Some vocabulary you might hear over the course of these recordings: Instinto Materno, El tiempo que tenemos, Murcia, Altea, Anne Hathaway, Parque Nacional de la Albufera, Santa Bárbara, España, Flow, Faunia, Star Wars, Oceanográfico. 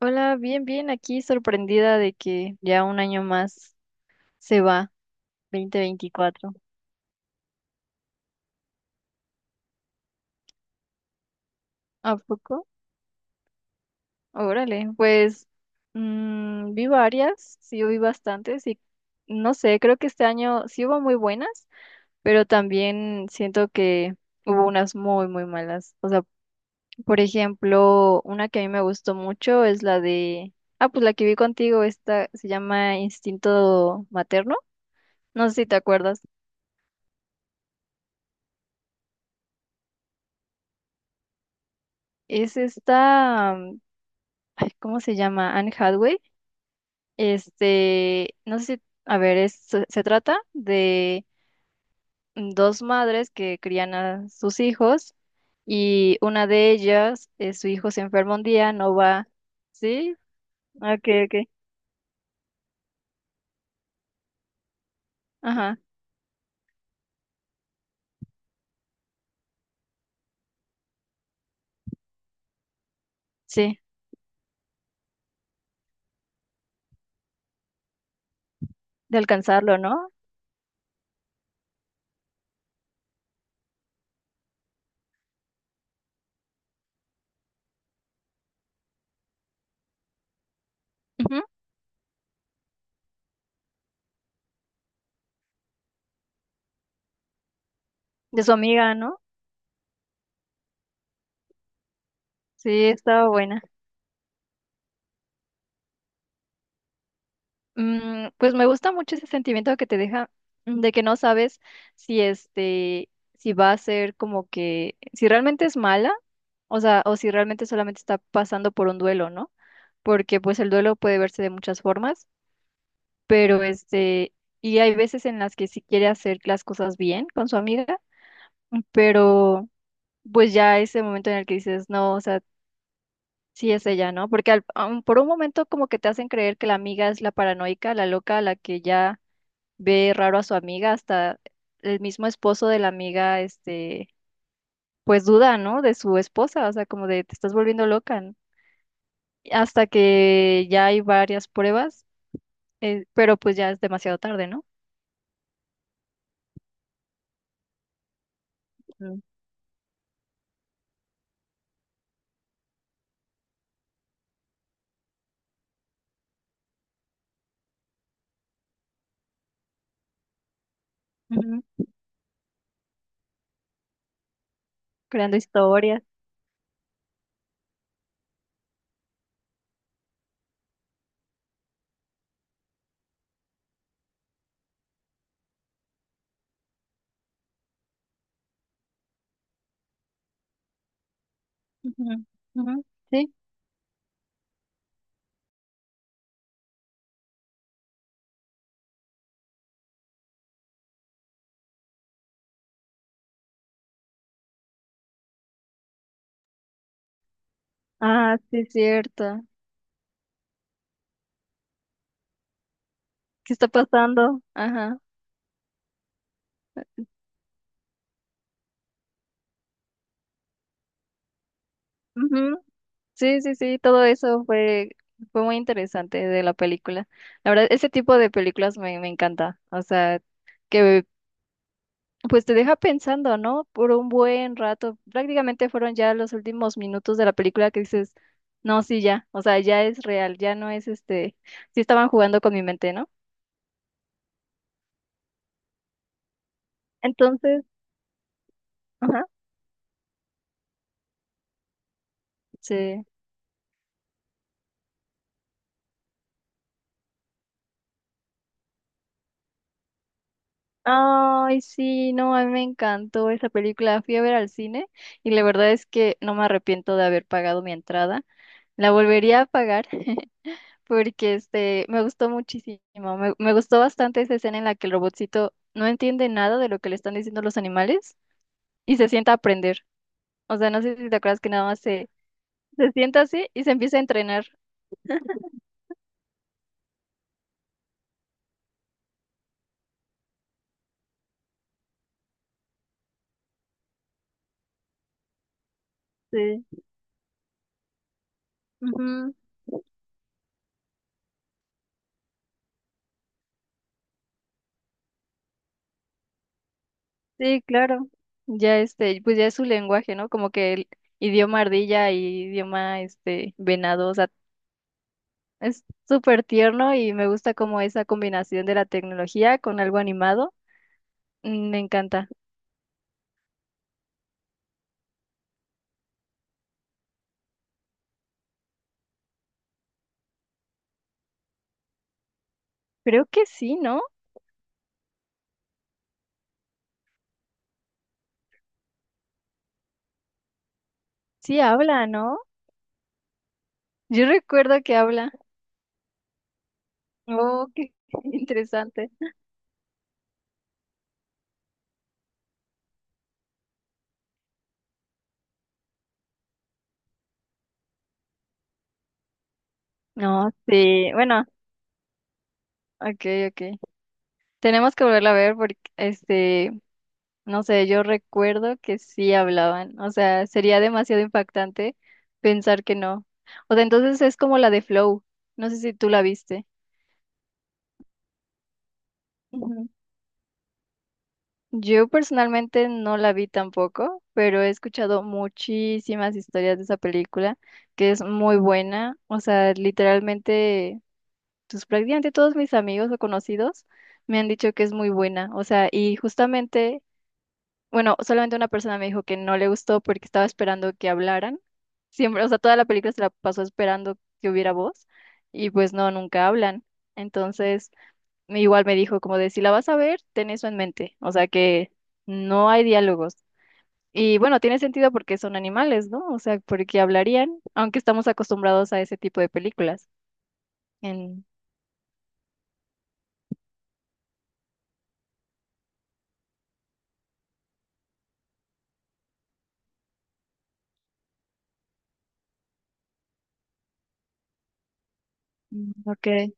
Hola, bien, bien, aquí sorprendida de que ya un año más se va, 2024. ¿A poco? Órale, pues vi varias, sí vi bastantes y no sé, creo que este año sí hubo muy buenas, pero también siento que hubo unas muy, muy malas. O sea, por ejemplo, una que a mí me gustó mucho es la de, pues la que vi contigo. Esta se llama Instinto Materno, no sé si te acuerdas. Es esta, ay, ¿cómo se llama? Anne Hathaway. Este, no sé si, a ver, se trata de dos madres que crían a sus hijos y una de ellas, su hijo se enferma un día, no va, ¿sí? Ah, ok, ok, ajá, sí, de alcanzarlo, ¿no? Ujú. De su amiga, ¿no? Sí, estaba buena. Pues me gusta mucho ese sentimiento que te deja, de que no sabes si este, si va a ser como que, si realmente es mala, o sea, o si realmente solamente está pasando por un duelo, ¿no? Porque pues el duelo puede verse de muchas formas, pero este, y hay veces en las que sí quiere hacer las cosas bien con su amiga, pero pues ya ese momento en el que dices, no, o sea, sí es ella, ¿no? Porque aun por un momento como que te hacen creer que la amiga es la paranoica, la loca, la que ya ve raro a su amiga, hasta el mismo esposo de la amiga, este, pues duda, ¿no? De su esposa, o sea, como de te estás volviendo loca, ¿no? Hasta que ya hay varias pruebas, pero pues ya es demasiado tarde, ¿no? Mm. Ujú. Creando historias. Ujú, ujú. Sí. Ah, sí, es cierto. ¿Qué está pasando? Ajá. Ujú. Sí, sí, sí, todo eso fue muy interesante de la película. La verdad, ese tipo de películas me encanta. O sea, que pues te deja pensando, ¿no? Por un buen rato. Prácticamente fueron ya los últimos minutos de la película que dices, no, sí, ya, o sea, ya es real, ya no es este, sí estaban jugando con mi mente, ¿no? Entonces, ajá, sí. Ay, sí, no, a mí me encantó esa película. Fui a ver al cine y la verdad es que no me arrepiento de haber pagado mi entrada. La volvería a pagar porque este me gustó muchísimo. Me gustó bastante esa escena en la que el robotcito no entiende nada de lo que le están diciendo los animales y se sienta a aprender. O sea, no sé si te acuerdas que nada más se sienta así y se empieza a entrenar. Sí. Ujú. Sí, claro. Ya este, pues ya es su lenguaje, ¿no? Como que el idioma ardilla y idioma este venado, o sea, es súper tierno y me gusta como esa combinación de la tecnología con algo animado. Me encanta. Creo que sí, ¿no? Sí habla, ¿no? Yo recuerdo que habla. Oh, qué interesante. No, sí, bueno, ok, ok. Tenemos que volverla a ver porque, este, no sé, yo recuerdo que sí hablaban. O sea, sería demasiado impactante pensar que no. O sea, entonces es como la de Flow. No sé si tú la viste. Ujú. Yo personalmente no la vi tampoco, pero he escuchado muchísimas historias de esa película, que es muy buena. O sea, literalmente, pues prácticamente todos mis amigos o conocidos me han dicho que es muy buena. O sea, y justamente, bueno, solamente una persona me dijo que no le gustó porque estaba esperando que hablaran. Siempre, o sea, toda la película se la pasó esperando que hubiera voz y pues no, nunca hablan. Entonces, igual me dijo como de, si la vas a ver, ten eso en mente. O sea, que no hay diálogos. Y bueno, tiene sentido porque son animales, ¿no? O sea, porque hablarían, aunque estamos acostumbrados a ese tipo de películas. En... Mm, ok.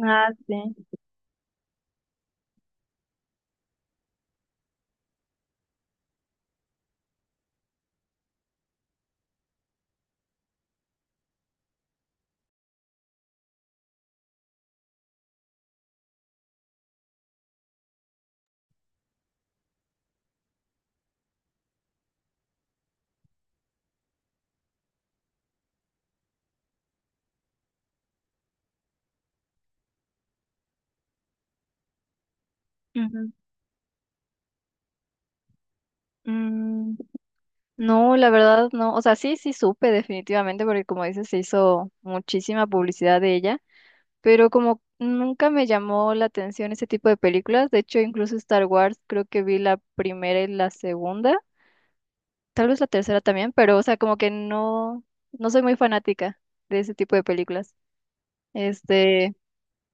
Ah, sí. Ujú. Mm. No, la verdad no. O sea, sí, sí supe definitivamente porque como dices, se hizo muchísima publicidad de ella, pero como nunca me llamó la atención ese tipo de películas, de hecho incluso Star Wars creo que vi la primera y la segunda, tal vez la tercera también, pero o sea, como que no, no soy muy fanática de ese tipo de películas. Este,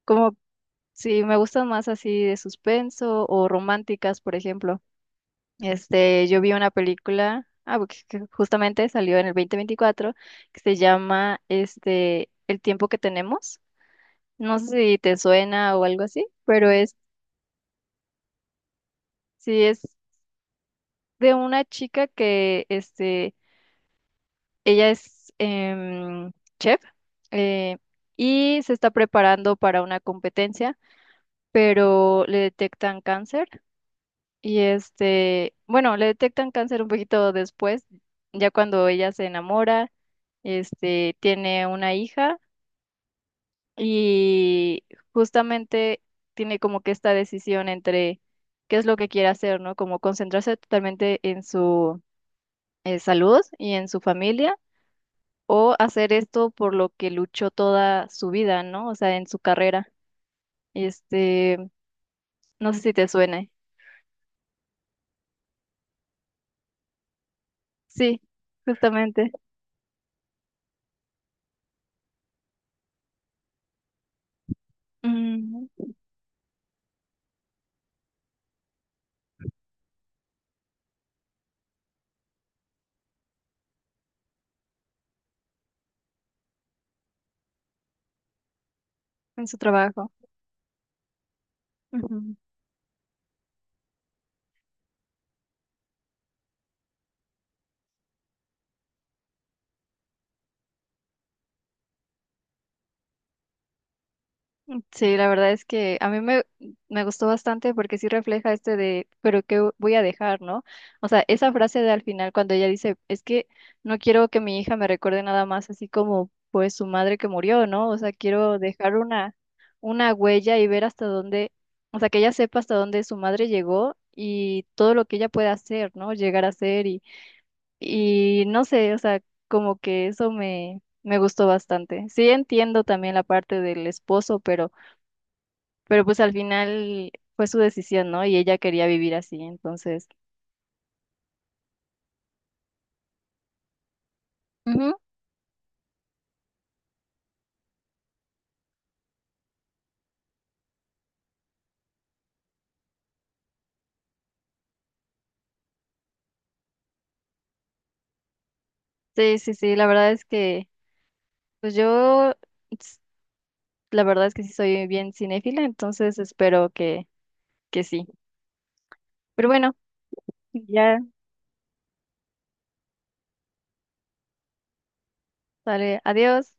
como si me gustan más así de suspenso o románticas, por ejemplo. Este, yo vi una película, porque que justamente salió en el 2024, que se llama este, El tiempo que tenemos. No sé si te suena o algo así, pero es, sí, es de una chica que, este, ella es chef, eh, y se está preparando para una competencia, pero le detectan cáncer. Y este, bueno, le detectan cáncer un poquito después, ya cuando ella se enamora, este, tiene una hija y justamente tiene como que esta decisión entre qué es lo que quiere hacer, ¿no? Como concentrarse totalmente en su salud y en su familia, o hacer esto por lo que luchó toda su vida, ¿no? O sea, en su carrera. Este, no sé si te suene. Sí, justamente. Ujú, en su trabajo. Ujú. Sí, la verdad es que a mí me gustó bastante porque sí refleja este de, pero ¿qué voy a dejar, no? O sea, esa frase de al final cuando ella dice, es que no quiero que mi hija me recuerde nada más así como pues su madre que murió, ¿no? O sea, quiero dejar una, huella y ver hasta dónde, o sea, que ella sepa hasta dónde su madre llegó y todo lo que ella pueda hacer, ¿no? Llegar a ser y no sé, o sea, como que eso me gustó bastante. Sí entiendo también la parte del esposo, pero pues al final fue su decisión, ¿no? Y ella quería vivir así, entonces. Ujú. Sí, sí, sí, la verdad es que, pues yo, s- la verdad es que sí soy bien cinéfila, entonces espero que, sí. Pero bueno, ya, sale, adiós.